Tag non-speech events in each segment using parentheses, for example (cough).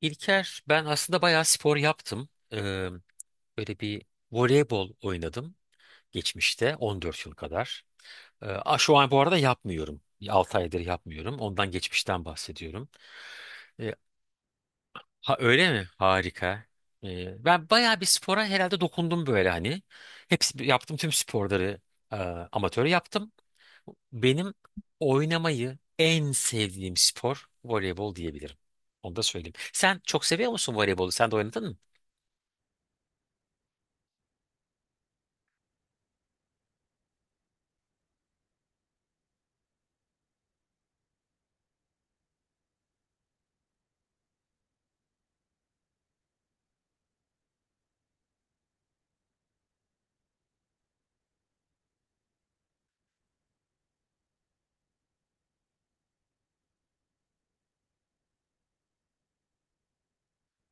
İlker, ben aslında bayağı spor yaptım. Böyle bir voleybol oynadım geçmişte 14 yıl kadar. Şu an bu arada yapmıyorum. 6 aydır yapmıyorum. Ondan geçmişten bahsediyorum. Ee, ha, öyle mi? Harika. Ben bayağı bir spora herhalde dokundum böyle hani. Hepsi yaptım tüm sporları, e, amatör yaptım. Benim oynamayı en sevdiğim spor voleybol diyebilirim. Onu da söyleyeyim. Sen çok seviyor musun voleybolu? Sen de oynadın mı?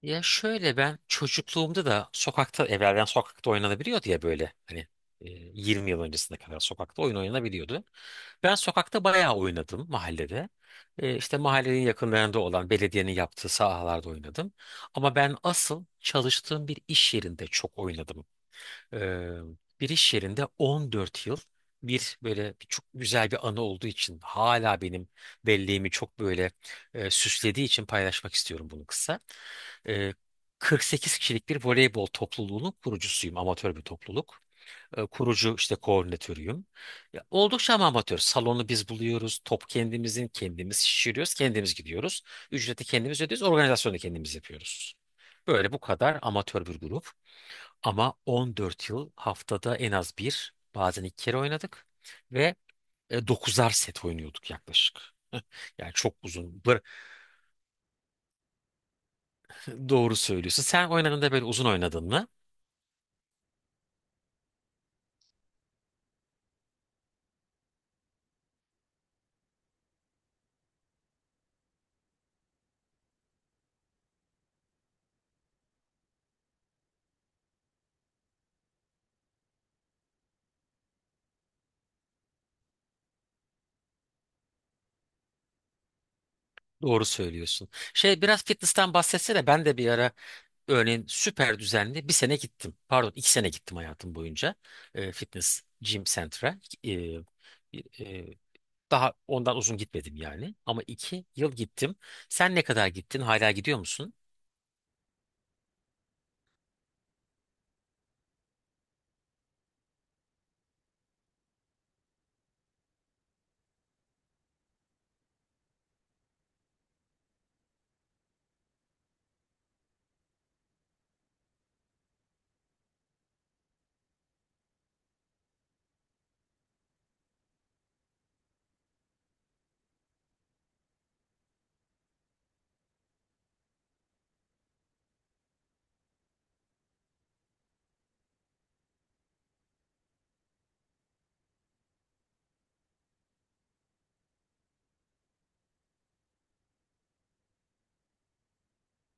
Ya şöyle ben çocukluğumda da sokakta evvelden sokakta oynanabiliyordu ya böyle hani, e, 20 yıl öncesine kadar sokakta oyun oynanabiliyordu. Ben sokakta bayağı oynadım mahallede. İşte mahallenin yakınlarında olan belediyenin yaptığı sahalarda oynadım. Ama ben asıl çalıştığım bir iş yerinde çok oynadım. Ee, Bir iş yerinde 14 yıl bir böyle bir çok güzel bir anı olduğu için hala benim belleğimi çok böyle, süslediği için paylaşmak istiyorum bunu kısa. Ee, 48 kişilik bir voleybol topluluğunun kurucusuyum. Amatör bir topluluk. Kurucu işte koordinatörüyüm. Ya, oldukça ama amatör. Salonu biz buluyoruz. Top kendimizin. Kendimiz şişiriyoruz. Kendimiz gidiyoruz. Ücreti kendimiz ödüyoruz. Organizasyonu da kendimiz yapıyoruz. Böyle bu kadar amatör bir grup. Ama 14 yıl haftada en az bir, bazen iki kere oynadık ve 9'ar set oynuyorduk yaklaşık. Yani çok uzun. Doğru söylüyorsun. Sen oynadığında böyle uzun oynadın mı? Doğru söylüyorsun. Şey biraz fitness'ten bahsetsene. Ben de bir ara örneğin süper düzenli bir sene gittim. Pardon 2 sene gittim hayatım boyunca. Fitness gym center'a. E, e, Daha ondan uzun gitmedim yani. Ama 2 yıl gittim. Sen ne kadar gittin? Hala gidiyor musun?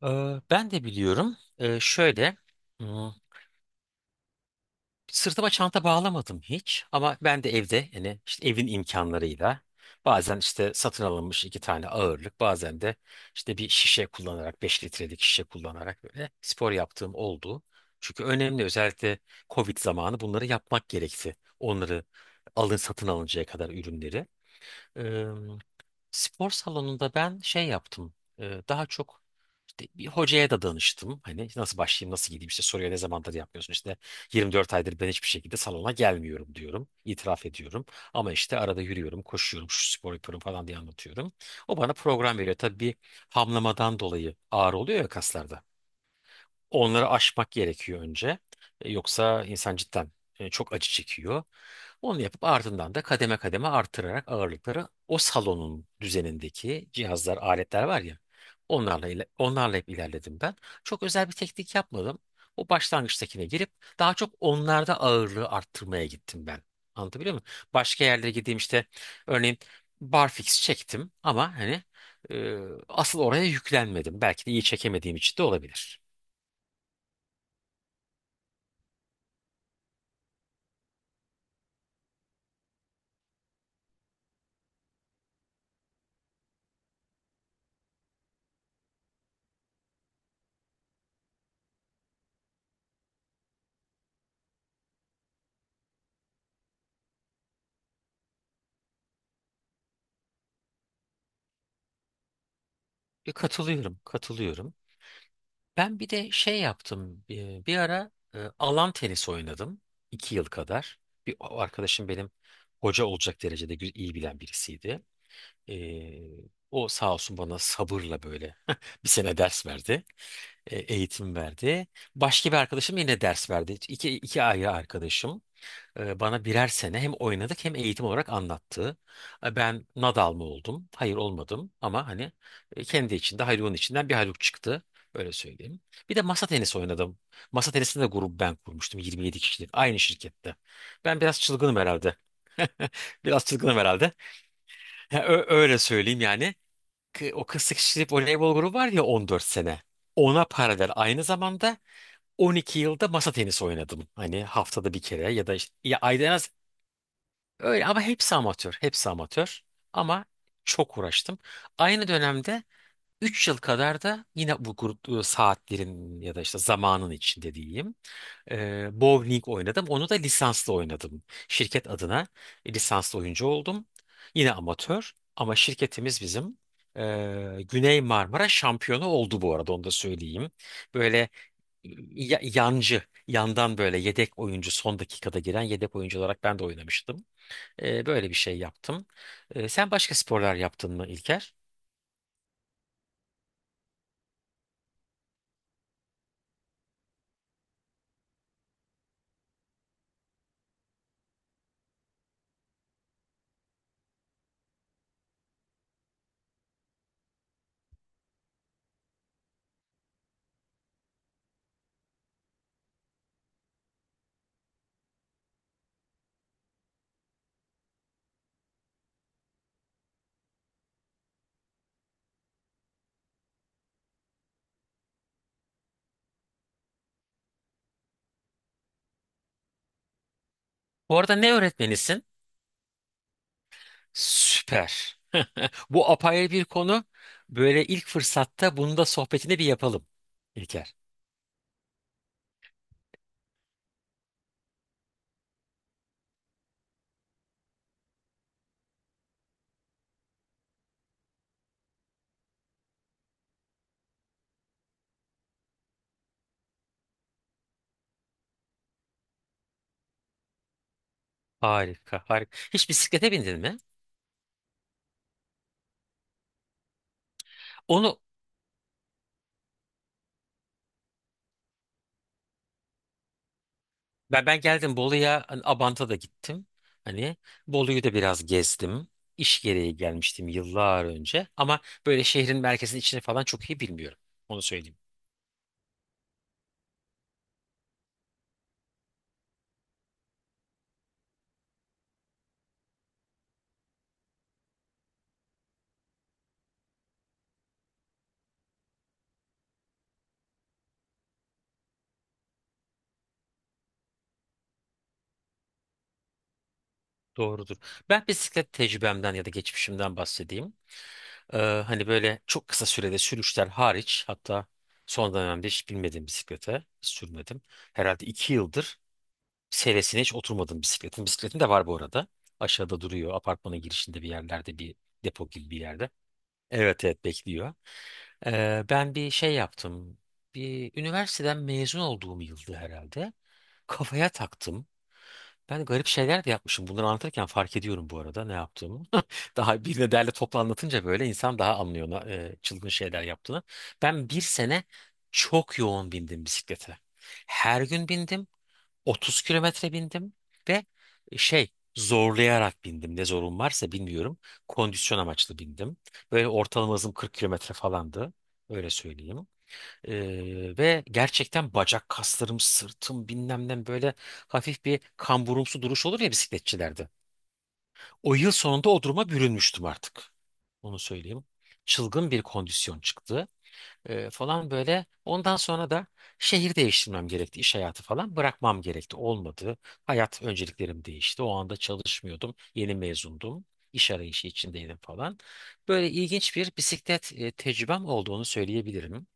Ben de biliyorum. Şöyle hmm, sırtıma çanta bağlamadım hiç ama ben de evde yani işte evin imkanlarıyla bazen işte satın alınmış iki tane ağırlık bazen de işte bir şişe kullanarak 5 litrelik şişe kullanarak böyle spor yaptığım oldu. Çünkü önemli özellikle Covid zamanı bunları yapmak gerekti. Onları alın satın alıncaya kadar ürünleri. Spor salonunda ben şey yaptım. Daha çok işte bir hocaya da danıştım. Hani nasıl başlayayım, nasıl gideyim işte soruyor ne zamandır yapmıyorsun. İşte 24 aydır ben hiçbir şekilde salona gelmiyorum diyorum. İtiraf ediyorum. Ama işte arada yürüyorum, koşuyorum, şu spor yapıyorum falan diye anlatıyorum. O bana program veriyor. Tabii bir hamlamadan dolayı ağır oluyor ya kaslarda. Onları aşmak gerekiyor önce. Yoksa insan cidden, çok acı çekiyor. Onu yapıp ardından da kademe kademe artırarak ağırlıkları o salonun düzenindeki cihazlar, aletler var ya onlarla hep ilerledim ben. Çok özel bir teknik yapmadım. O başlangıçtakine girip daha çok onlarda ağırlığı arttırmaya gittim ben. Anlatabiliyor muyum? Başka yerlere gideyim işte örneğin barfix çektim ama hani, e, asıl oraya yüklenmedim. Belki de iyi çekemediğim için de olabilir. Katılıyorum, katılıyorum. Ben bir de şey yaptım. Bir ara alan tenisi oynadım. 2 yıl kadar. Bir o arkadaşım benim hoca olacak derecede iyi bilen birisiydi. E, O sağ olsun bana sabırla böyle (laughs) bir sene ders verdi. Eğitim verdi. Başka bir arkadaşım yine ders verdi. İki ayrı arkadaşım bana birer sene hem oynadık hem eğitim olarak anlattı. Ben Nadal mı oldum? Hayır olmadım ama hani, kendi içinde Hayrun'un içinden bir Hayruk çıktı. Öyle söyleyeyim. Bir de masa tenisi oynadım. Masa tenisinde de grubu ben kurmuştum 27 kişilik aynı şirkette. Ben biraz çılgınım herhalde. Biraz çılgınım herhalde. Ha, öyle söyleyeyim yani. O 48 kişilik voleybol grubu var ya 14 sene. Ona paralel aynı zamanda 12 yılda masa tenisi oynadım. Hani haftada bir kere ya da işte ya ayda en az. Öyle ama hepsi amatör. Hepsi amatör. Ama çok uğraştım. Aynı dönemde 3 yıl kadar da yine bu grup, saatlerin ya da işte zamanın içinde diyeyim. Bowling oynadım. Onu da lisanslı oynadım. Şirket adına lisanslı oyuncu oldum. Yine amatör ama şirketimiz bizim. Güney Marmara şampiyonu oldu bu arada, onu da söyleyeyim. Böyle yancı, yandan böyle yedek oyuncu son dakikada giren yedek oyuncu olarak ben de oynamıştım. Böyle bir şey yaptım. Sen başka sporlar yaptın mı, İlker? Bu arada ne öğretmenisin? Süper. (laughs) Bu apayrı bir konu. Böyle ilk fırsatta bunu da sohbetini bir yapalım, İlker. Harika, harika. Hiç bisiklete bindin mi? Onu ben geldim Bolu'ya, hani Abant'a da gittim. Hani Bolu'yu da biraz gezdim. İş gereği gelmiştim yıllar önce ama böyle şehrin merkezinin içine falan çok iyi bilmiyorum. Onu söyleyeyim. Doğrudur. Ben bisiklet tecrübemden ya da geçmişimden bahsedeyim. Ee, Hani böyle çok kısa sürede sürüşler hariç hatta son dönemde hiç binmedim bisiklete. Hiç sürmedim. Herhalde 2 yıldır seresine hiç oturmadım bisikletin. Bisikletim de var bu arada. Aşağıda duruyor. Apartmanın girişinde bir yerlerde bir depo gibi bir yerde. Evet, evet, bekliyor. Ben bir şey yaptım. Bir üniversiteden mezun olduğum yıldı herhalde. Kafaya taktım. Ben garip şeyler de yapmışım. Bunları anlatırken fark ediyorum bu arada ne yaptığımı. (laughs) Daha birine derle toplu anlatınca böyle insan daha anlıyor çılgın şeyler yaptığını. Ben bir sene çok yoğun bindim bisiklete. Her gün bindim. 30 kilometre bindim ve şey zorlayarak bindim. Ne zorun varsa bilmiyorum. Kondisyon amaçlı bindim. Böyle ortalama hızım 40 kilometre falandı. Öyle söyleyeyim. Ve gerçekten bacak kaslarım, sırtım bilmem ne böyle hafif bir kamburumsu duruş olur ya bisikletçilerde. O yıl sonunda o duruma bürünmüştüm artık. Onu söyleyeyim. Çılgın bir kondisyon çıktı, falan böyle. Ondan sonra da şehir değiştirmem gerekti, iş hayatı falan bırakmam gerekti. Olmadı. Hayat önceliklerim değişti. O anda çalışmıyordum. Yeni mezundum. İş arayışı içindeydim falan. Böyle ilginç bir bisiklet, tecrübem olduğunu söyleyebilirim.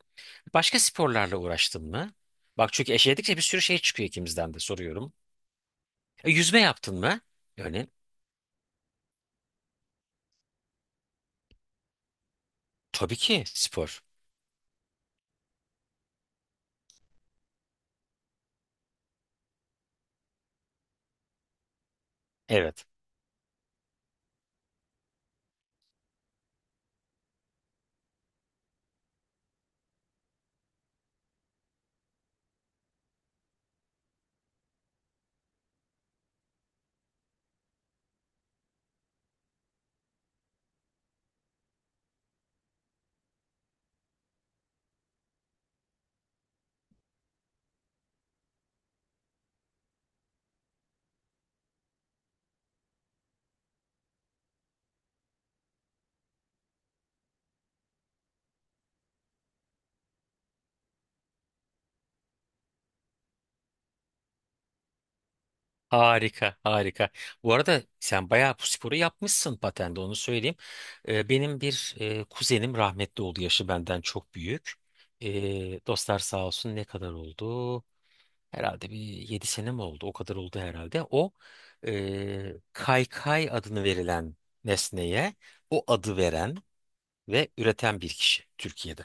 Başka sporlarla uğraştın mı? Bak çünkü eşeledikçe bir sürü şey çıkıyor ikimizden de soruyorum. Yüzme yaptın mı? Yani tabii ki spor. Evet. Harika, harika. Bu arada sen bayağı bu sporu yapmışsın patende, onu söyleyeyim. Benim bir kuzenim rahmetli oldu, yaşı benden çok büyük. Dostlar sağ olsun, ne kadar oldu? Herhalde bir 7 sene mi oldu? O kadar oldu herhalde. O, kaykay adını verilen nesneye o adı veren ve üreten bir kişi Türkiye'de.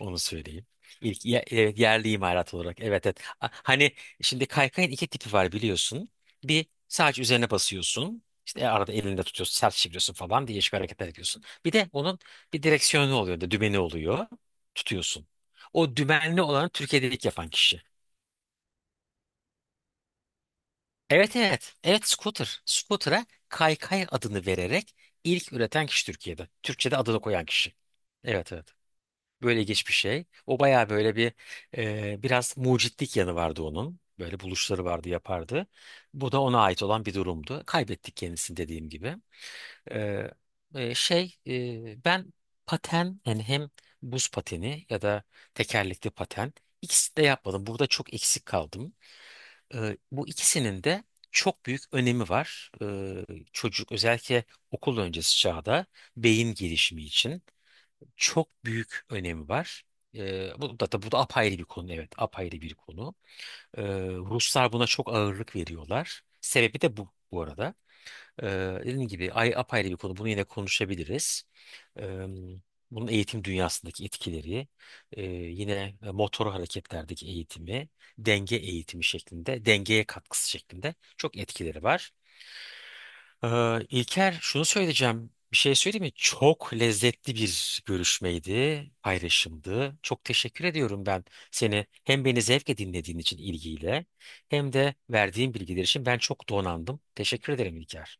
Onu söyleyeyim. İlk, evet, yerli imalat olarak. Evet, evet. Hani şimdi kaykayın iki tipi var, biliyorsun. Bir sadece üzerine basıyorsun. İşte arada elinde tutuyorsun, sert çeviriyorsun falan değişik hareketler ediyorsun. Bir de onun bir direksiyonu oluyor, da dümeni oluyor. Tutuyorsun. O dümenli olanı Türkiye'de ilk yapan kişi. Evet, evet. Evet, scooter. Scooter'a kaykay adını vererek ilk üreten kişi Türkiye'de. Türkçe'de adını koyan kişi. Evet, evet. Böyle geçmiş şey. O bayağı böyle bir, biraz mucitlik yanı vardı onun. Böyle buluşları vardı yapardı. Bu da ona ait olan bir durumdu. Kaybettik kendisini dediğim gibi. E, Ben paten yani hem buz pateni ya da tekerlekli paten ikisini de yapmadım. Burada çok eksik kaldım. Bu ikisinin de çok büyük önemi var. Çocuk özellikle okul öncesi çağda beyin gelişimi için çok büyük önemi var. Bu da, bu da apayrı bir konu, evet, apayrı bir konu. Ee, Ruslar buna çok ağırlık veriyorlar. Sebebi de bu, bu arada. Ee, Dediğim gibi ay apayrı bir konu. Bunu yine konuşabiliriz. Ee, Bunun eğitim dünyasındaki etkileri, yine motor hareketlerdeki eğitimi, denge eğitimi şeklinde, dengeye katkısı şeklinde çok etkileri var. İlker, şunu söyleyeceğim. Bir şey söyleyeyim mi? Çok lezzetli bir görüşmeydi, paylaşımdı. Çok teşekkür ediyorum ben seni hem beni zevkle dinlediğin için ilgiyle hem de verdiğin bilgiler için ben çok donandım. Teşekkür ederim İlker.